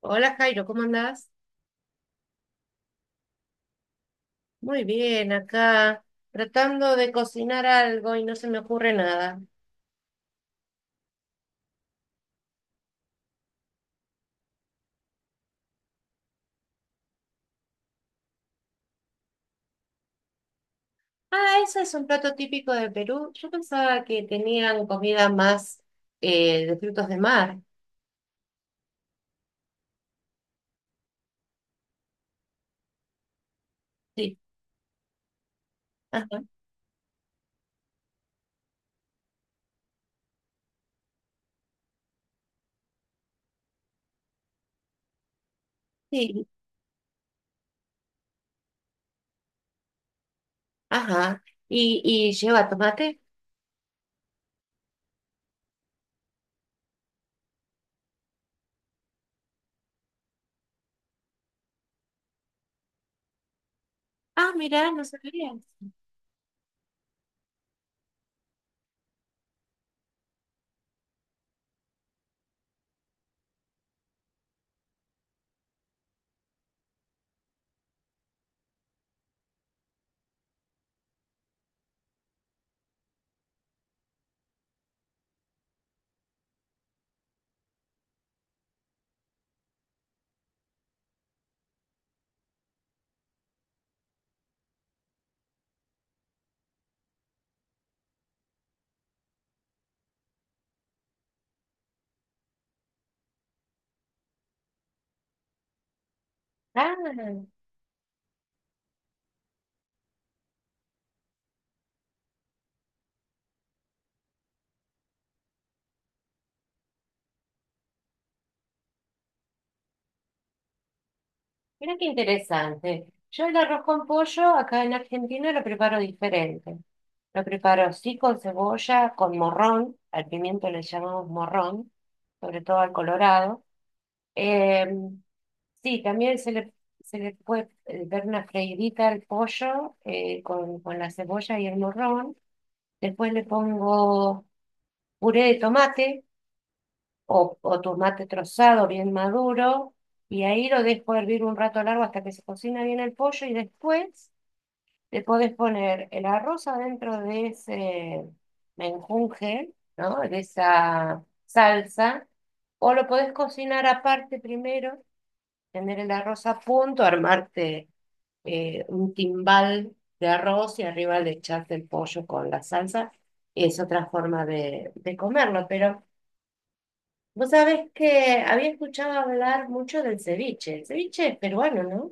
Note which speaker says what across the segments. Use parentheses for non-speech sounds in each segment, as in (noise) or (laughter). Speaker 1: Hola Jairo, ¿cómo andás? Muy bien, acá tratando de cocinar algo y no se me ocurre nada. Ah, ese es un plato típico de Perú. Yo pensaba que tenían comida más de frutos de mar. Sí, ajá, sí, ajá. ¿Y lleva tomate? Ah, mirá, no sabía. Ah, mira qué interesante. Yo el arroz con pollo acá en Argentina lo preparo diferente. Lo preparo sí con cebolla, con morrón, al pimiento le llamamos morrón, sobre todo al colorado. Em, sí, también se le puede dar una freidita al pollo, con la cebolla y el morrón. Después le pongo puré de tomate o tomate trozado bien maduro, y ahí lo dejo hervir un rato largo hasta que se cocina bien el pollo, y después le podés poner el arroz adentro de ese menjunje, ¿no? De esa salsa, o lo podés cocinar aparte primero, tener el arroz a punto, armarte un timbal de arroz y arriba le echaste el pollo con la salsa. Es otra forma de comerlo. Pero vos sabés que había escuchado hablar mucho del ceviche. El ceviche es peruano, ¿no?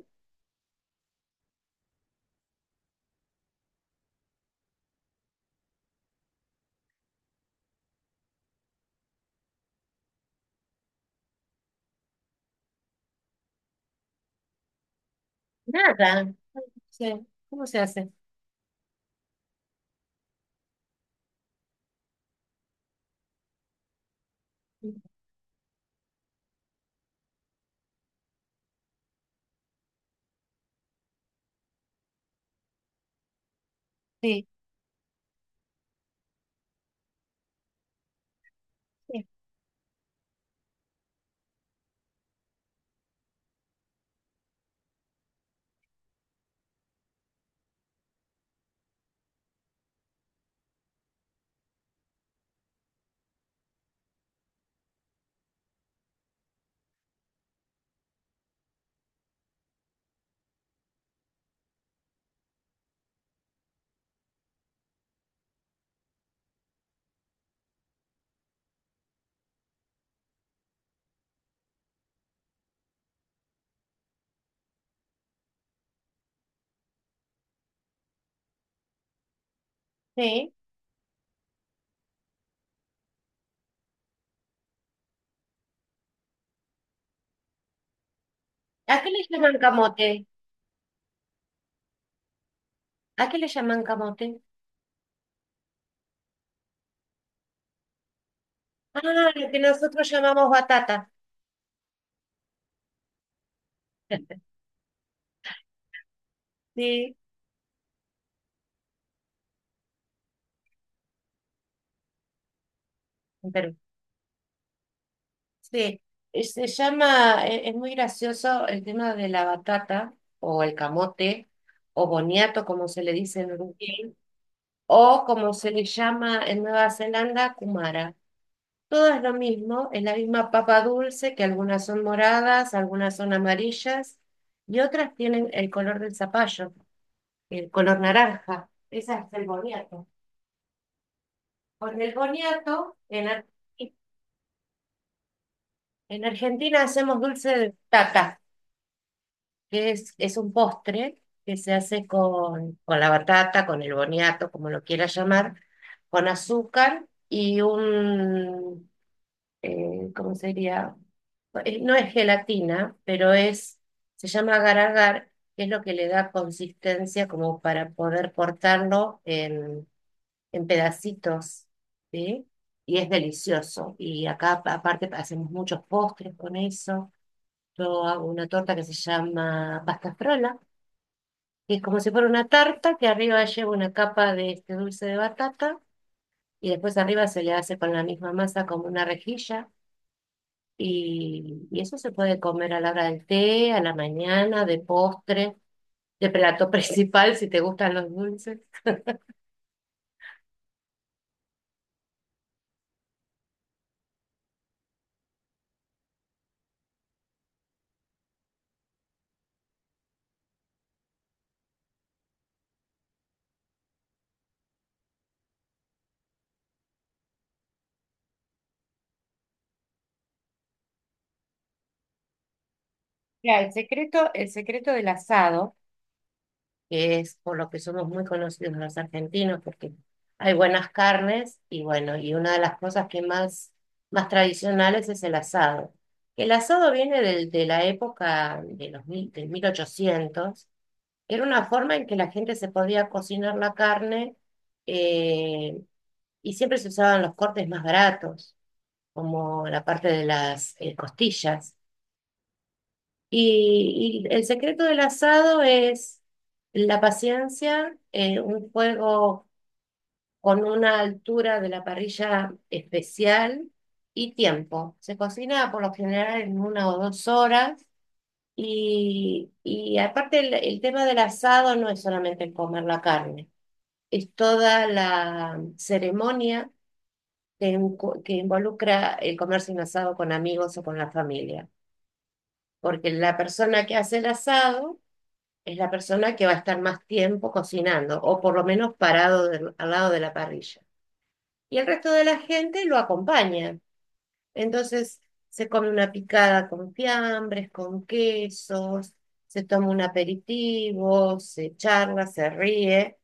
Speaker 1: Nada. No sé. ¿Cómo se hace? Sí, sí. Sí. ¿A qué le llaman camote? ¿A qué le llaman camote? Ah, lo que nosotros llamamos batata. (laughs) Sí, en Perú. Sí. Se llama, es muy gracioso el tema de la batata o el camote o boniato, como se le dice en Uruguay, o como se le llama en Nueva Zelanda, kumara. Todo es lo mismo, es la misma papa dulce, que algunas son moradas, algunas son amarillas y otras tienen el color del zapallo, el color naranja. Esa es el boniato. Con el boniato, en, en Argentina hacemos dulce de tata, que es un postre que se hace con la batata, con el boniato, como lo quieras llamar, con azúcar y un ¿cómo sería? No es gelatina, pero es, se llama agar-agar, que es lo que le da consistencia como para poder cortarlo en pedacitos, ¿sí? Y es delicioso. Y acá, aparte, hacemos muchos postres con eso. Yo hago una torta que se llama pasta frola, que es como si fuera una tarta, que arriba lleva una capa de este dulce de batata, y después arriba se le hace con la misma masa como una rejilla. Y eso se puede comer a la hora del té, a la mañana, de postre, de plato (laughs) principal si te gustan los dulces. Mira, el secreto del asado, que es por lo que somos muy conocidos los argentinos, porque hay buenas carnes y bueno, y una de las cosas que más, más tradicionales es el asado. El asado viene de la época de los mil, del 1800, que era una forma en que la gente se podía cocinar la carne. Eh, y siempre se usaban los cortes más baratos, como la parte de las costillas. Y el secreto del asado es la paciencia, un fuego con una altura de la parrilla especial y tiempo. Se cocina por lo general en una o dos horas. Y aparte el tema del asado no es solamente el comer la carne, es toda la ceremonia que, que involucra el comerse un asado con amigos o con la familia, porque la persona que hace el asado es la persona que va a estar más tiempo cocinando o por lo menos parado al lado de la parrilla. Y el resto de la gente lo acompaña. Entonces se come una picada con fiambres, con quesos, se toma un aperitivo, se charla, se ríe.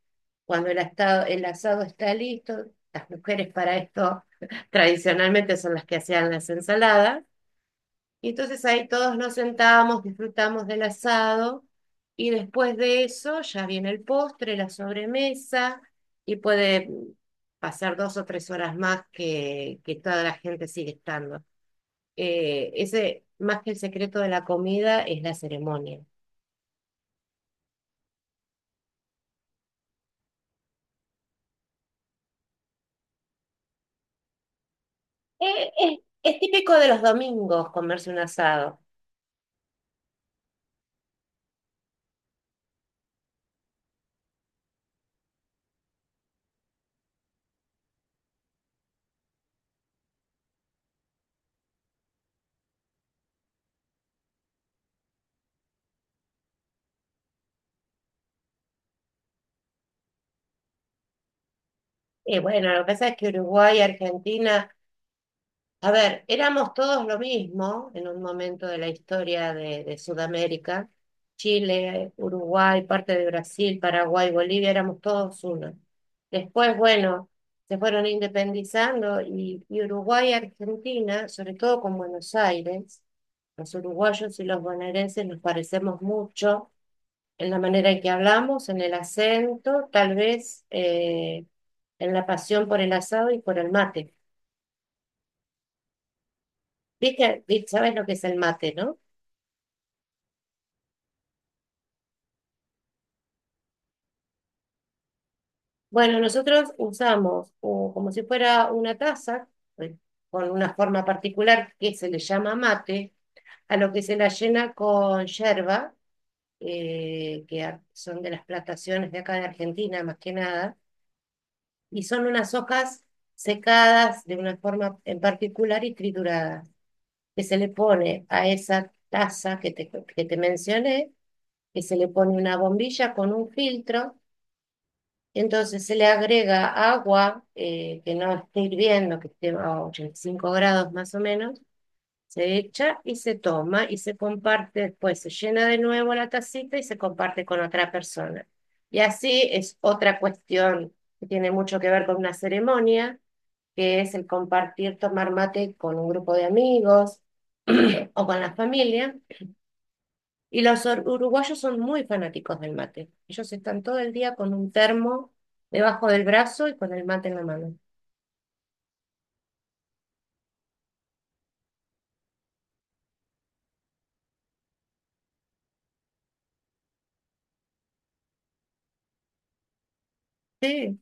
Speaker 1: Cuando el asado está listo, las mujeres para esto (laughs) tradicionalmente son las que hacían las ensaladas. Y entonces ahí todos nos sentamos, disfrutamos del asado y después de eso ya viene el postre, la sobremesa y puede pasar dos o tres horas más que toda la gente sigue estando, ese, más que el secreto de la comida, es la ceremonia. Es típico de los domingos comerse un asado. Bueno, lo que pasa es que Uruguay y Argentina, a ver, éramos todos lo mismo en un momento de la historia de Sudamérica. Chile, Uruguay, parte de Brasil, Paraguay, Bolivia, éramos todos uno. Después, bueno, se fueron independizando y Uruguay y Argentina, sobre todo con Buenos Aires, los uruguayos y los bonaerenses nos parecemos mucho en la manera en que hablamos, en el acento, tal vez en la pasión por el asado y por el mate. Viste, sabes lo que es el mate, ¿no? Bueno, nosotros usamos o como si fuera una taza, eh, con una forma particular que se le llama mate, a lo que se la llena con yerba, que son de las plantaciones de acá de Argentina, más que nada, y son unas hojas secadas de una forma en particular y trituradas, que se le pone a esa taza que te mencioné, que se le pone una bombilla con un filtro. Entonces se le agrega agua, que no esté hirviendo, que esté a 85 grados más o menos, se echa y se toma y se comparte después, se llena de nuevo la tacita y se comparte con otra persona. Y así es otra cuestión que tiene mucho que ver con una ceremonia, que es el compartir, tomar mate con un grupo de amigos (clears throat) o con la familia. Y los uruguayos son muy fanáticos del mate. Ellos están todo el día con un termo debajo del brazo y con el mate en la mano. Sí.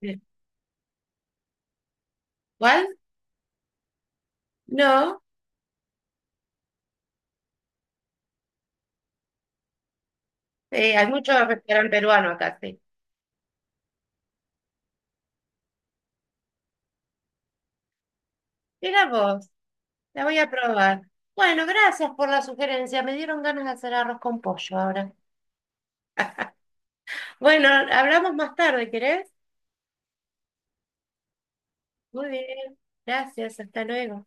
Speaker 1: Sí. ¿Cuál? No. Sí, hay muchos restaurantes peruanos acá, sí. Mira vos, la voy a probar. Bueno, gracias por la sugerencia. Me dieron ganas de hacer arroz con pollo ahora. Bueno, hablamos más tarde, ¿querés? Muy bien. Gracias, hasta luego.